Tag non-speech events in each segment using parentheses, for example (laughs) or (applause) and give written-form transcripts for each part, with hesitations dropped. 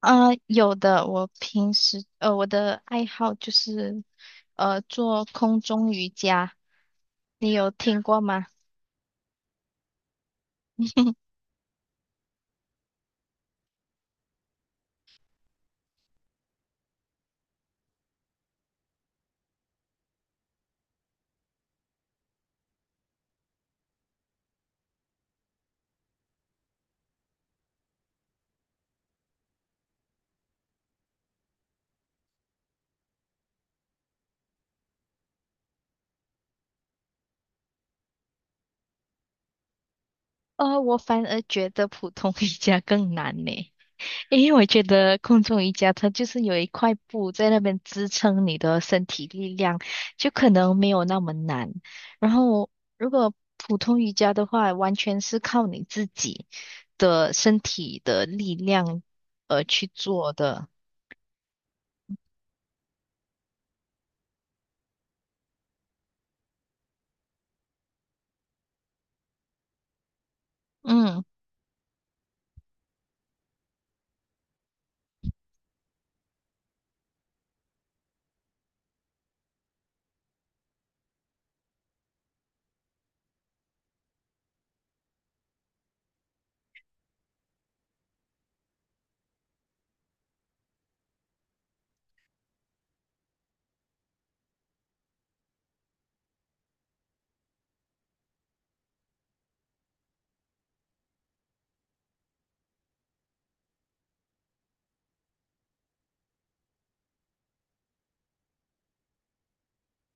啊、有的，我平时我的爱好就是做空中瑜伽，你有听过吗？(laughs) 我反而觉得普通瑜伽更难呢，因为我觉得空中瑜伽它就是有一块布在那边支撑你的身体力量，就可能没有那么难。然后如果普通瑜伽的话，完全是靠你自己的身体的力量去做的，嗯。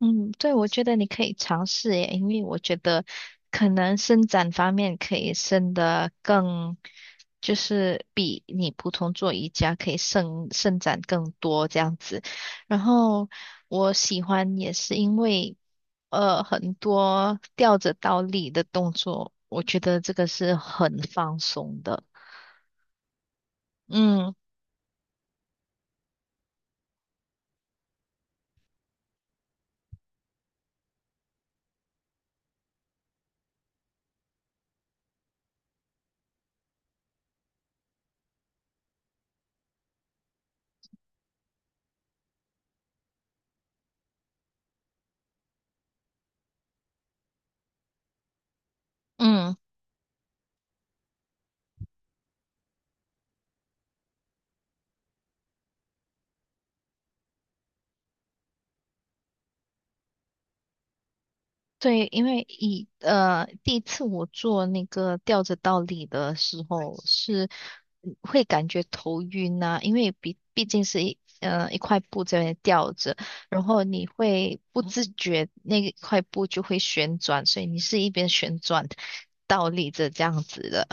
嗯，对，我觉得你可以尝试耶，因为我觉得可能伸展方面可以伸得更，就是比你普通做瑜伽可以伸展更多这样子。然后我喜欢也是因为，呃，很多吊着倒立的动作，我觉得这个是很放松的。嗯嗯。对，因为第一次我做那个吊着倒立的时候是会感觉头晕呐、因为毕竟是一块布在那吊着，然后你会不自觉那一块布就会旋转，所以你是一边旋转倒立着这样子的。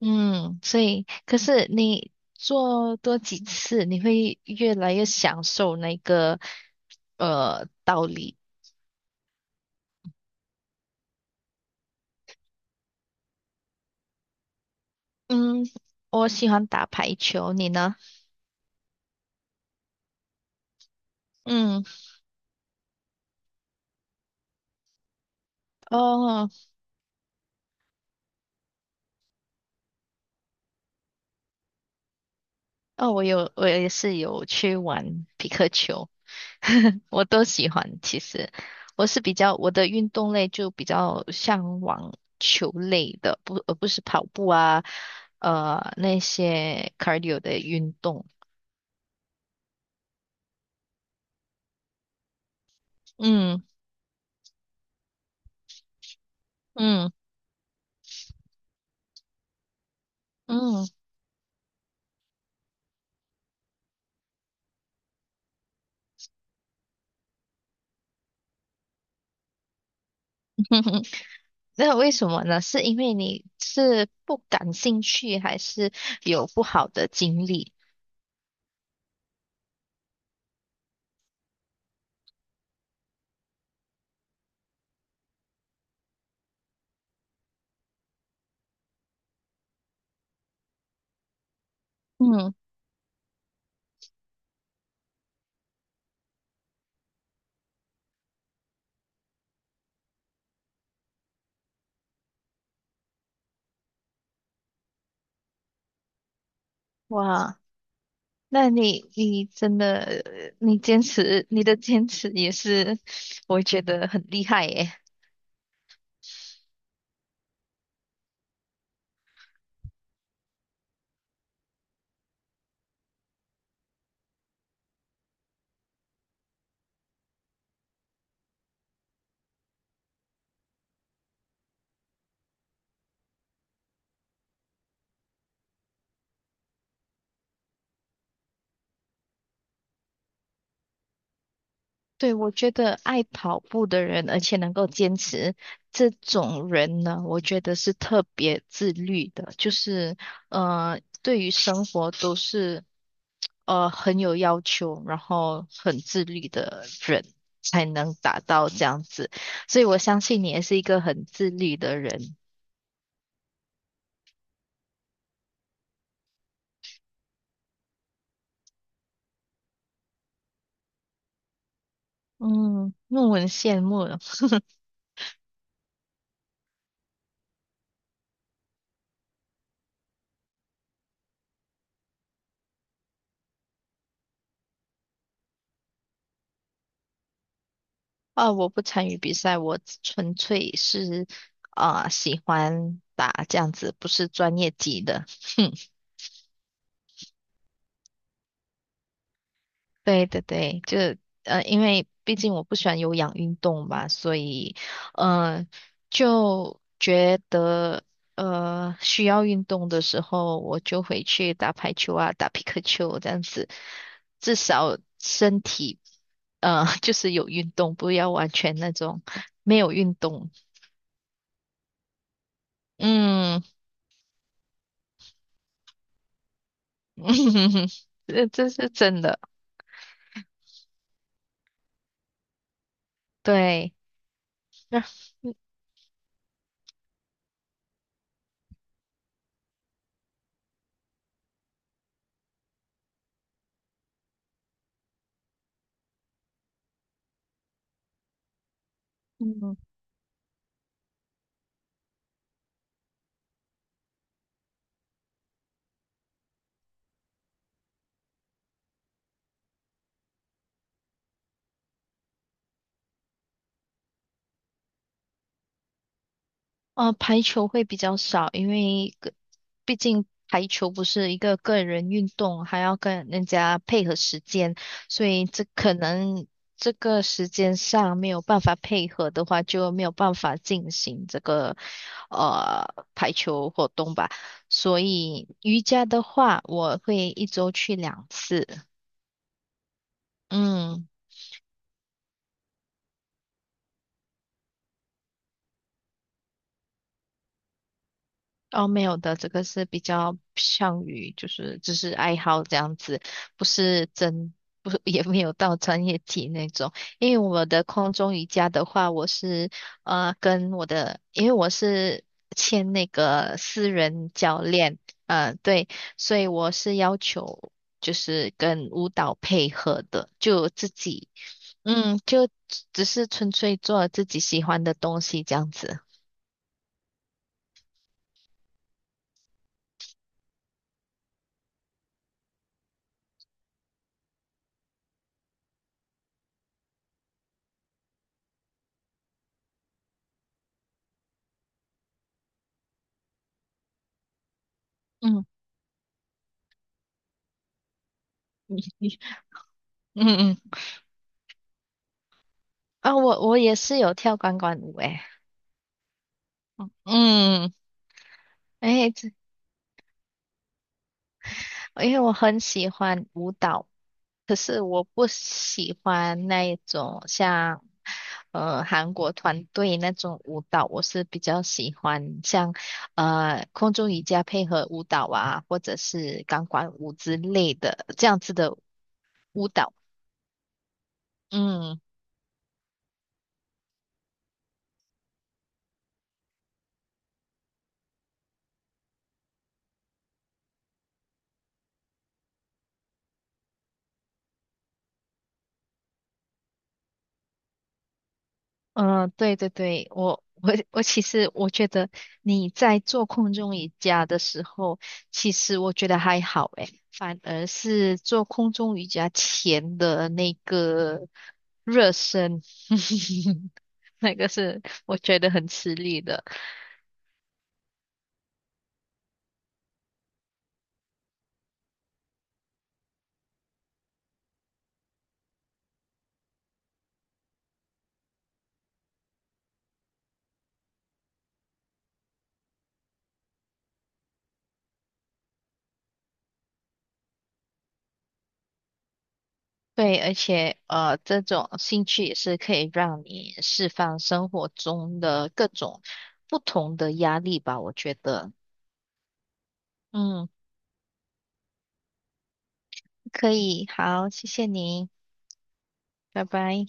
嗯，所以可是你做多几次，你会越来越享受那个倒立。嗯，我喜欢打排球，你呢？嗯，哦哦，我有，我也是有去玩匹克球，(laughs) 我都喜欢。其实我是比较我的运动类就比较向往球类的，不而不是跑步啊，呃那些 cardio 的运动。嗯嗯嗯，(laughs) 那为什么呢？是因为你是不感兴趣，还是有不好的经历？嗯，哇。那你你真的，你坚持，你的坚持也是，我觉得很厉害耶。对，我觉得爱跑步的人，而且能够坚持这种人呢，我觉得是特别自律的，就是呃，对于生活都是很有要求，然后很自律的人才能达到这样子。所以我相信你也是一个很自律的人。嗯，那我很羡慕。啊，我不参与比赛，我只纯粹是啊、喜欢打这样子，不是专业级的。对对对，就因为毕竟我不喜欢有氧运动嘛，所以嗯，就觉得需要运动的时候，我就回去打排球啊，打皮克球这样子，至少身体(laughs) 就是有运动，不要完全那种没有运动。嗯。(laughs) 嗯哼哼，这这是真的，对。那嗯，哦，排球会比较少，因为个毕竟排球不是一个个人运动，还要跟人家配合时间，所以这可能这个时间上没有办法配合的话，就没有办法进行这个呃排球活动吧。所以瑜伽的话，我会一周去两次。嗯。哦，没有的，这个是比较像于就是只是爱好这样子，不是真不是 (laughs) 也没有到专业级那种。因为我的空中瑜伽的话，我是跟我的，因为我是签那个私人教练，呃对，所以我是要求就是跟舞蹈配合的，就自己嗯就只是纯粹做自己喜欢的东西这样子。嗯嗯嗯。啊，我我也是有跳钢管舞诶，嗯，诶，这因为我很喜欢舞蹈，可是我不喜欢那一种像韩国团队那种舞蹈，我是比较喜欢像空中瑜伽配合舞蹈啊，或者是钢管舞之类的这样子的舞蹈。嗯。嗯，对对对，我其实我觉得你在做空中瑜伽的时候，其实我觉得还好诶，反而是做空中瑜伽前的那个热身，(laughs) 那个是我觉得很吃力的。对，而且呃，这种兴趣也是可以让你释放生活中的各种不同的压力吧，我觉得。嗯，可以，好，谢谢您。拜拜。